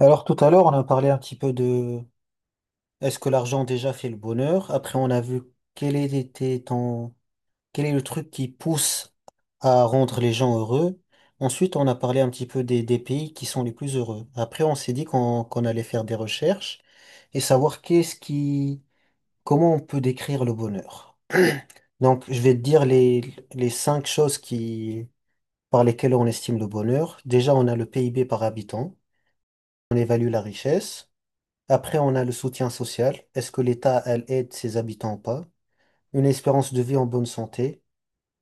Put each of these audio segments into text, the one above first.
Alors tout à l'heure, on a parlé un petit peu de est-ce que l'argent déjà fait le bonheur? Après, on a vu quel était ton quel est le truc qui pousse à rendre les gens heureux. Ensuite, on a parlé un petit peu des pays qui sont les plus heureux. Après, on s'est dit qu'on allait faire des recherches et savoir qu'est-ce qui comment on peut décrire le bonheur. Donc, je vais te dire les cinq choses qui par lesquelles on estime le bonheur. Déjà, on a le PIB par habitant. On évalue la richesse. Après, on a le soutien social. Est-ce que l'État, elle, aide ses habitants ou pas? Une espérance de vie en bonne santé.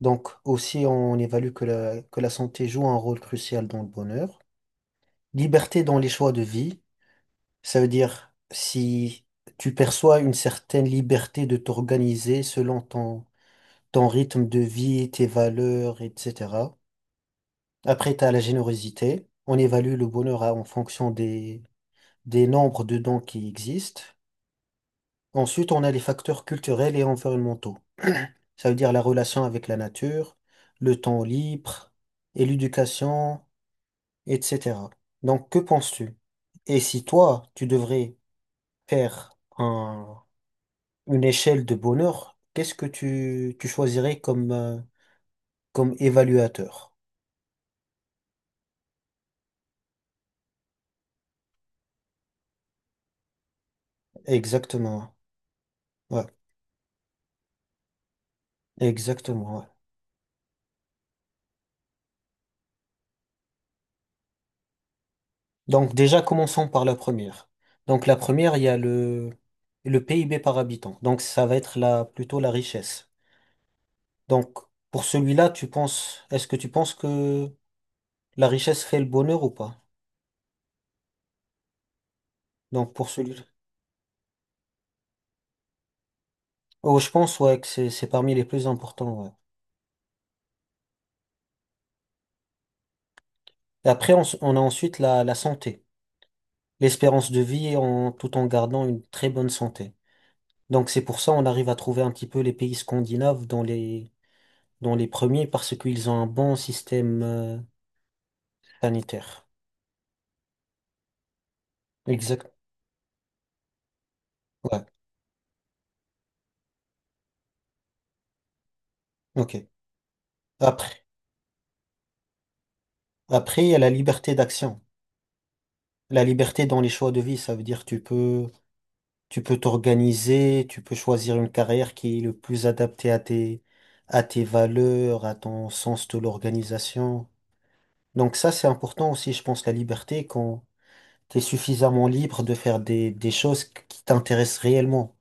Donc, aussi, on évalue que la santé joue un rôle crucial dans le bonheur. Liberté dans les choix de vie. Ça veut dire si tu perçois une certaine liberté de t'organiser selon ton rythme de vie, tes valeurs, etc. Après, tu as la générosité. On évalue le bonheur en fonction des nombres de dons qui existent. Ensuite, on a les facteurs culturels et environnementaux. Ça veut dire la relation avec la nature, le temps libre et l'éducation, etc. Donc, que penses-tu? Et si toi, tu devrais faire une échelle de bonheur, qu'est-ce que tu choisirais comme évaluateur? Exactement. Ouais, exactement. Ouais. Donc, déjà, commençons par la première. Donc, la première, il y a le PIB par habitant. Donc, ça va être plutôt la richesse. Donc, pour celui-là, est-ce que tu penses que la richesse fait le bonheur ou pas? Donc, pour celui-là. Oh, je pense, ouais, que c'est parmi les plus importants, ouais. Et après, on a ensuite la santé, l'espérance de vie tout en gardant une très bonne santé. Donc, c'est pour ça on arrive à trouver un petit peu les pays scandinaves dans les premiers parce qu'ils ont un bon système, sanitaire. Exact. Ouais. OK. Après, après, il y a la liberté d'action. La liberté dans les choix de vie, ça veut dire tu peux t'organiser, tu peux choisir une carrière qui est le plus adaptée à tes valeurs, à ton sens de l'organisation. Donc ça, c'est important aussi, je pense, la liberté quand tu es suffisamment libre de faire des choses qui t'intéressent réellement.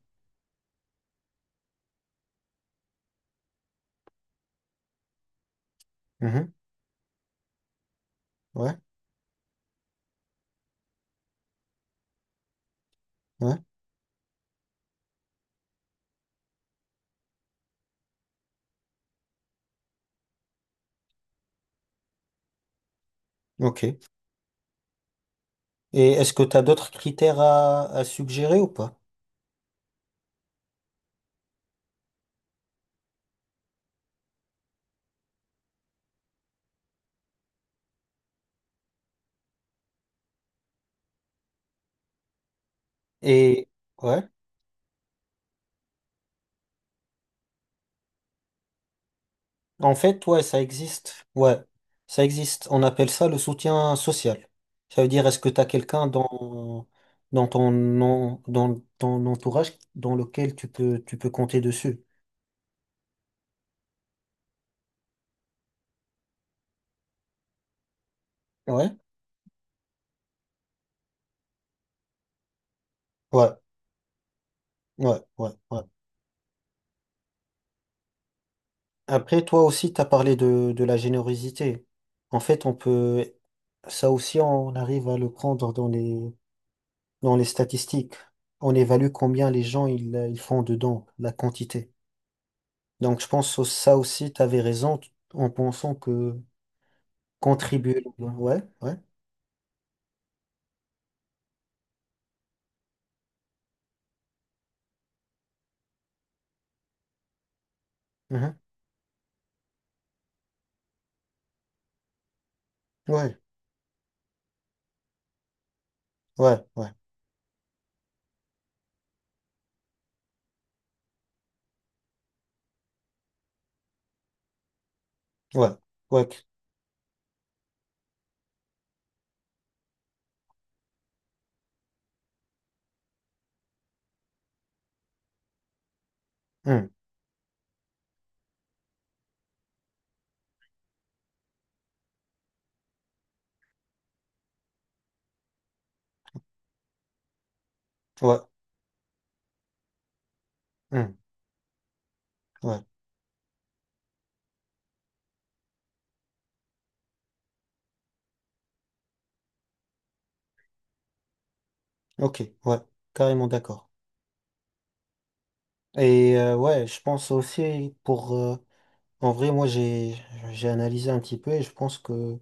Mhm. Ouais, ouais, ok. Et est-ce que tu as d'autres critères à suggérer ou pas? Et ouais. En fait, ouais, ça existe. Ouais, ça existe. On appelle ça le soutien social. Ça veut dire, est-ce que tu as quelqu'un dans ton entourage dans lequel tu peux compter dessus? Ouais, ouais, ouais, ouais, ouais. Après, toi aussi, tu as parlé de la générosité. En fait, ça aussi, on arrive à le prendre dans les statistiques. On évalue combien les gens ils font de dons, la quantité. Donc, je pense que ça aussi, tu avais raison en pensant que contribuer. Ouais, ouais, mhm, ouais, ouais, ouais, ouais, ouais, hmm, ouais, hmm, ouais, ok, ouais, carrément d'accord. Et ouais, je pense aussi pour. En vrai, moi, j'ai analysé un petit peu et je pense que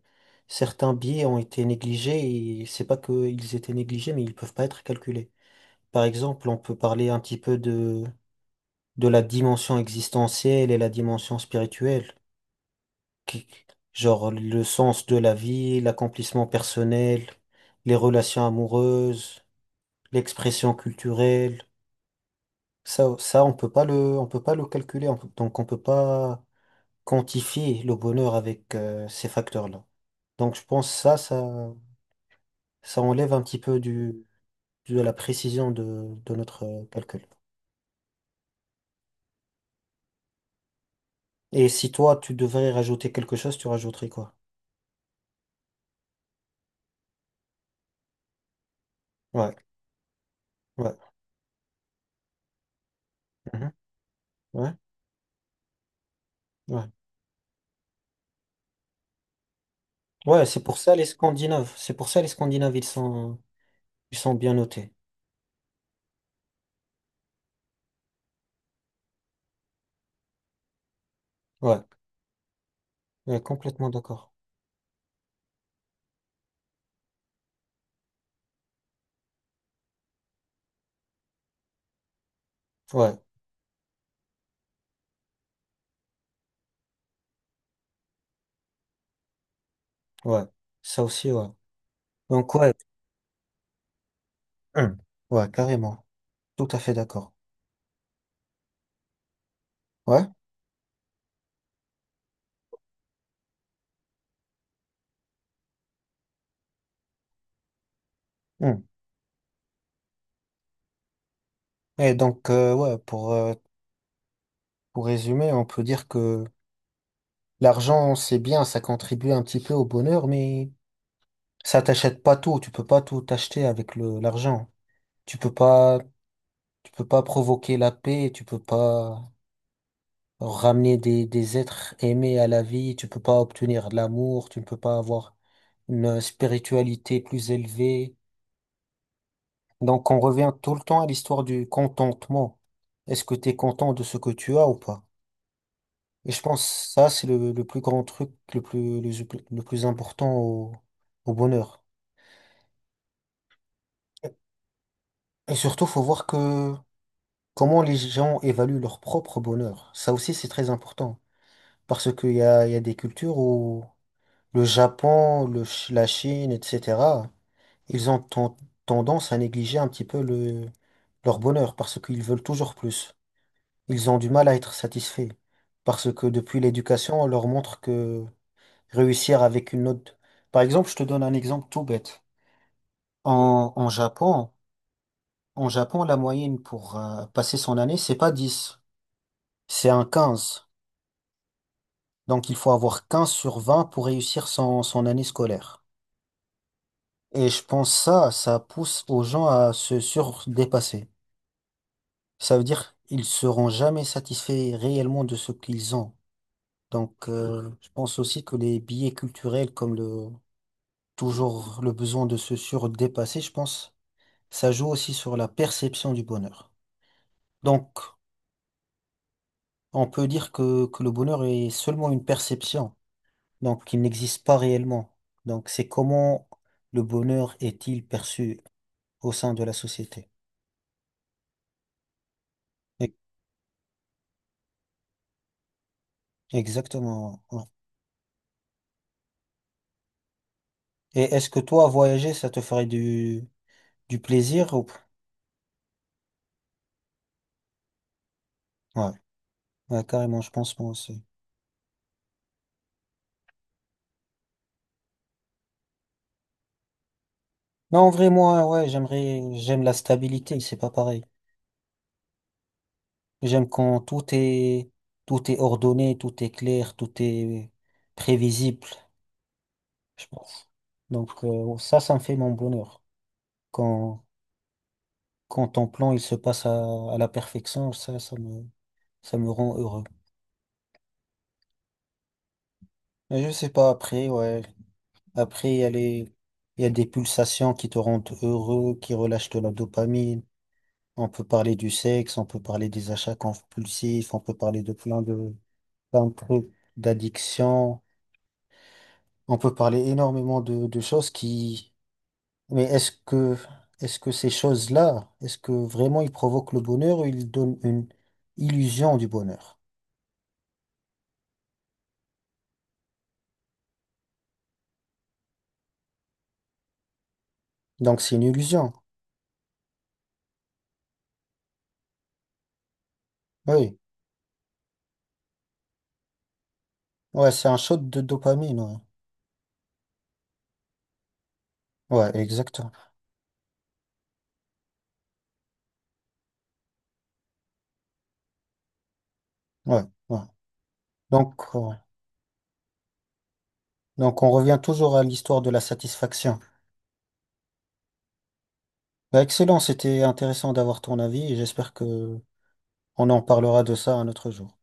certains biais ont été négligés et c'est pas qu'ils étaient négligés, mais ils peuvent pas être calculés. Par exemple, on peut parler un petit peu de la dimension existentielle et la dimension spirituelle. qui- genre le sens de la vie, l'accomplissement personnel, les relations amoureuses, l'expression culturelle. Ça, on peut pas le calculer. Donc, on peut pas quantifier le bonheur avec ces facteurs-là. Donc, je pense ça enlève un petit peu de la précision de notre calcul. Et si toi, tu devrais rajouter quelque chose, tu rajouterais quoi? Ouais, ouais, mhm, ouais, ouais. Ouais, c'est pour ça les Scandinaves. C'est pour ça les Scandinaves, ils sont bien notés. Ouais, ouais, complètement d'accord. Ouais, ouais, ça aussi, ouais. Donc, ouais, hum, ouais, carrément. Tout à fait d'accord. Ouais. Hum. Et donc, ouais, pour résumer, on peut dire que l'argent, c'est bien, ça contribue un petit peu au bonheur, mais ça t'achète pas tout. Tu peux pas tout t'acheter avec l'argent. Tu peux pas, tu peux pas provoquer la paix, tu peux pas ramener des êtres aimés à la vie, tu peux pas obtenir de l'amour, tu ne peux pas avoir une spiritualité plus élevée. Donc on revient tout le temps à l'histoire du contentement. Est-ce que tu es content de ce que tu as ou pas? Et je pense que ça, c'est le plus grand truc, le plus important au bonheur. Et surtout, faut voir que comment les gens évaluent leur propre bonheur. Ça aussi, c'est très important. Parce qu'il y a des cultures où le Japon, la Chine, etc. ils ont tendance à négliger un petit peu leur bonheur parce qu'ils veulent toujours plus. Ils ont du mal à être satisfaits parce que depuis l'éducation, on leur montre que réussir avec une note. Par exemple, je te donne un exemple tout bête. En, en Japon, En Japon, la moyenne pour passer son année, c'est pas 10, c'est un 15. Donc il faut avoir 15 sur 20 pour réussir son année scolaire. Et je pense ça pousse aux gens à se surdépasser. Ça veut dire ils seront jamais satisfaits réellement de ce qu'ils ont. Donc, je pense aussi que les billets culturels, comme le toujours le besoin de se surdépasser, je pense, ça joue aussi sur la perception du bonheur. Donc, on peut dire que le bonheur est seulement une perception, donc il n'existe pas réellement. Donc, c'est comment le bonheur est-il perçu au sein de la société. E- Exactement. Ouais. Et est-ce que toi, voyager, ça te ferait du plaisir ou... Ouais. Ouais, carrément, je pense moi aussi. Non, en vrai, moi, ouais, j'aimerais, j'aime la stabilité, c'est pas pareil. J'aime quand tout est ordonné, tout est clair, tout est prévisible, je pense. Donc, ça me fait mon bonheur. Quand, quand ton plan, il se passe à la perfection, ça me rend heureux. Mais je sais pas, après, ouais. Après, il y a il y a des pulsations qui te rendent heureux, qui relâchent de la dopamine. On peut parler du sexe, on peut parler des achats compulsifs, on peut parler plein de trucs, d'addiction. On peut parler énormément de choses qui... Mais est-ce que ces choses-là, est-ce que vraiment ils provoquent le bonheur ou ils donnent une illusion du bonheur? Donc c'est une illusion. Oui. Ouais, c'est un shot de dopamine. Ouais, ouais exactement. Ouais, ouais. Donc, ouais. Donc on revient toujours à l'histoire de la satisfaction. Bah, excellent, c'était intéressant d'avoir ton avis et j'espère que on en parlera de ça un autre jour.